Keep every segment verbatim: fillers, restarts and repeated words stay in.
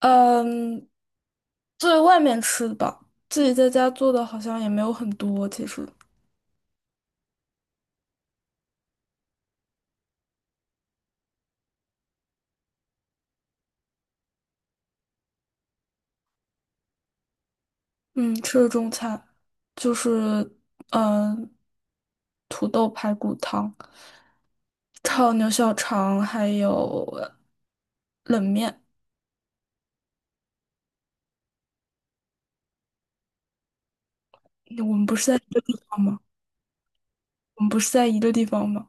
嗯，在外面吃的吧，自己在家做的好像也没有很多。其实，嗯，吃的中餐就是嗯，土豆排骨汤、炒牛小肠，还有冷面。我们不是在一个地方吗？我们不是在一个地方吗？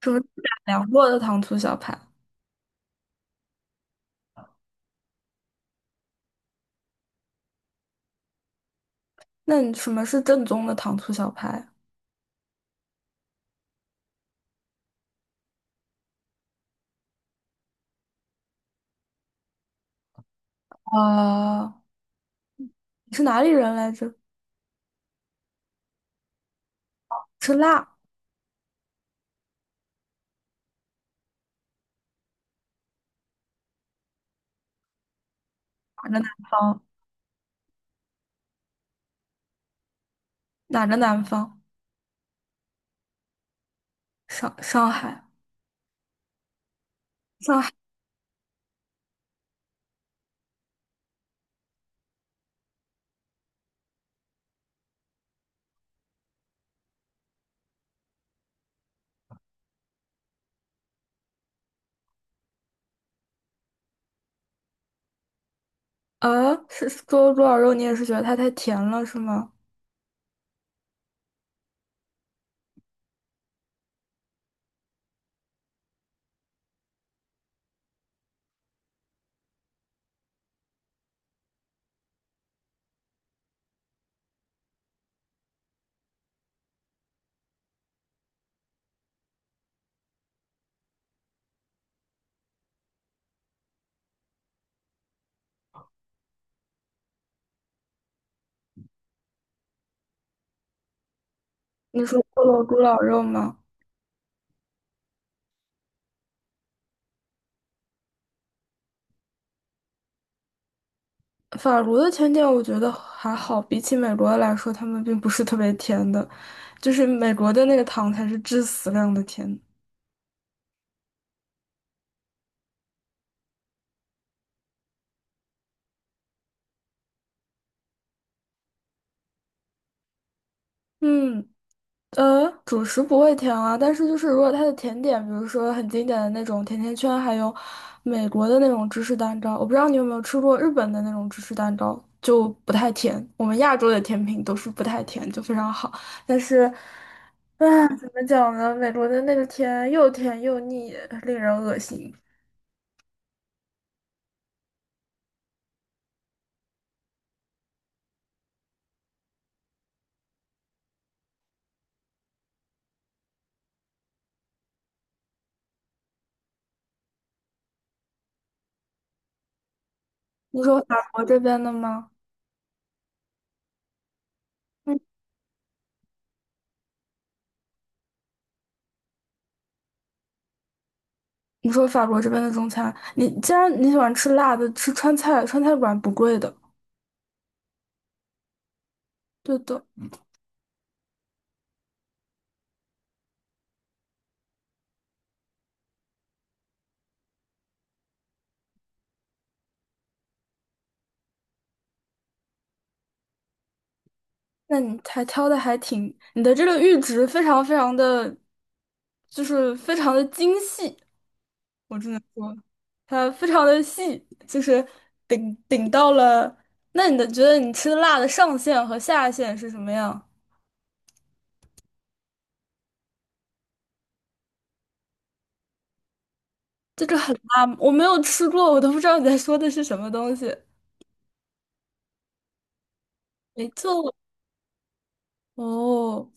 什么是改良过的糖醋小排？那你什么是正宗的糖醋小排？啊、你是哪里人来着？吃辣？哪个南方？哪个南方？上上海，上海，呃，是是萝猪脑肉，你也是觉得它太甜了，是吗？你说菠萝猪脑肉吗？法国的甜点我觉得还好，比起美国的来说，他们并不是特别甜的，就是美国的那个糖才是致死量的甜。嗯，呃，主食不会甜啊，但是就是如果它的甜点，比如说很经典的那种甜甜圈，还有美国的那种芝士蛋糕，我不知道你有没有吃过日本的那种芝士蛋糕，就不太甜。我们亚洲的甜品都是不太甜，就非常好。但是怎么讲呢？美国的那个甜又甜又腻，令人恶心。你说法国这边的吗？嗯，你说法国这边的中餐，你既然你喜欢吃辣的，吃川菜，川菜馆不贵的。对的。那你还挑的还挺，你的这个阈值非常非常的，就是非常的精细，我只能说，它非常的细，就是顶顶到了。那你的觉得你吃的辣的上限和下限是什么样？这个很辣吗，我没有吃过，我都不知道你在说的是什么东西。没错哦，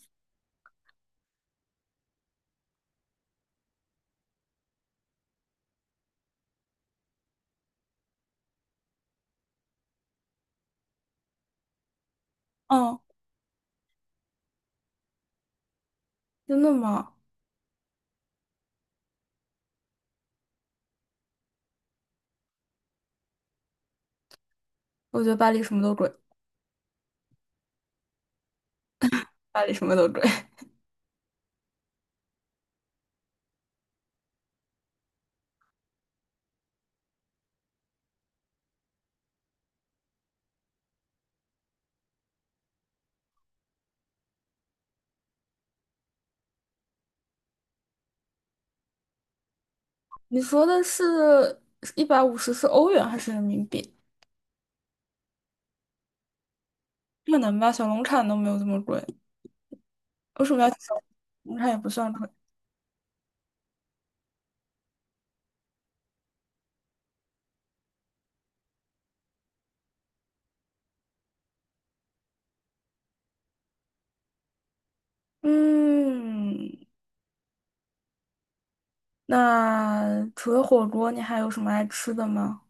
哦，嗯真的吗？我觉得巴黎什么都贵，巴黎什么都贵。你说的是一百五十是欧元还是人民币？可能吧，小龙产都没有这么贵，为什么要小龙产也不算贵？嗯，那除了火锅，你还有什么爱吃的吗？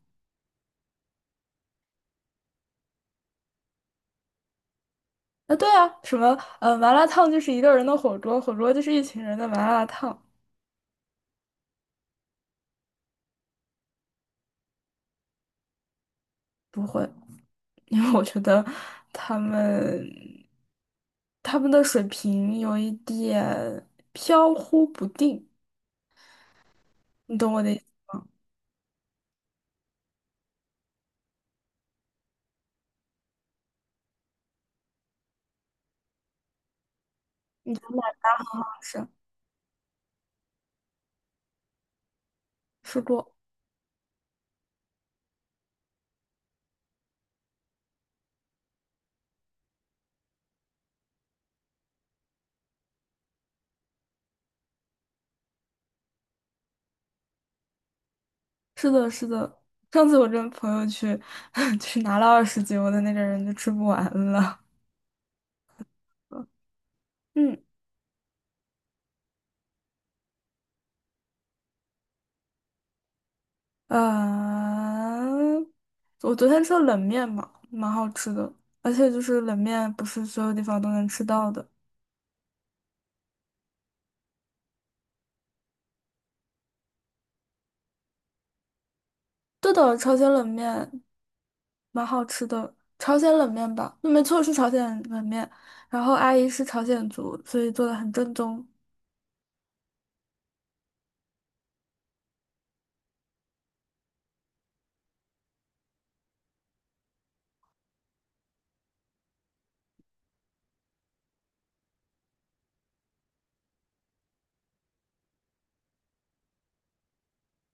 啊，对啊，什么呃，麻辣烫就是一个人的火锅，火锅就是一群人的麻辣烫。不会 因为我觉得他们他们的水平有一点飘忽不定，你懂我的意思吗？是，吃过。是的，是的。上次我跟朋友去 去拿了二十斤，我的那个人就吃不完了。嗯，啊，我昨天吃了冷面嘛，蛮好吃的，而且就是冷面不是所有地方都能吃到的。对的，朝鲜冷面蛮好吃的，朝鲜冷面吧，没错是朝鲜冷面。然后阿姨是朝鲜族，所以做的很正宗。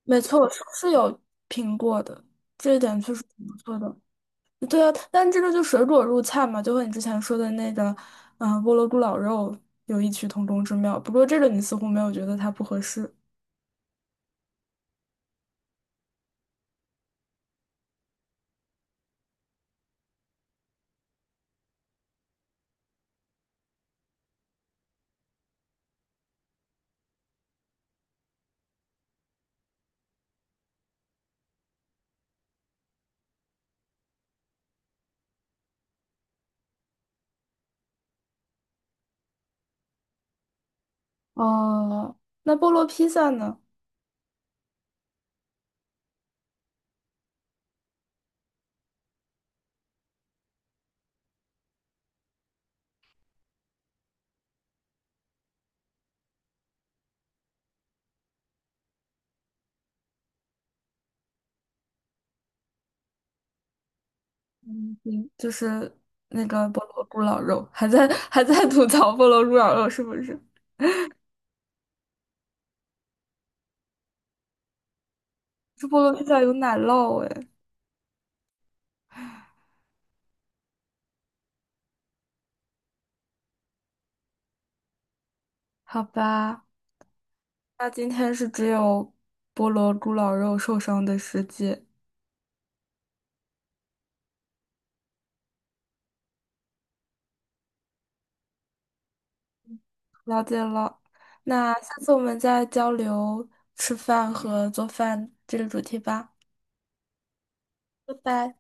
没错，我是是有评过的，这一点确实挺不错的。对啊，但这个就水果入菜嘛，就和你之前说的那个，嗯、菠萝咕咾肉有异曲同工之妙。不过这个你似乎没有觉得它不合适。哦，那菠萝披萨呢？嗯，嗯就是那个菠萝咕咾肉，还在 还在吐槽菠萝咕咾肉是不是？这菠萝披萨有奶酪哎，好吧，那今天是只有菠萝咕咾肉受伤的世界。了解了。那下次我们再交流吃饭和做饭这个主题吧，拜拜。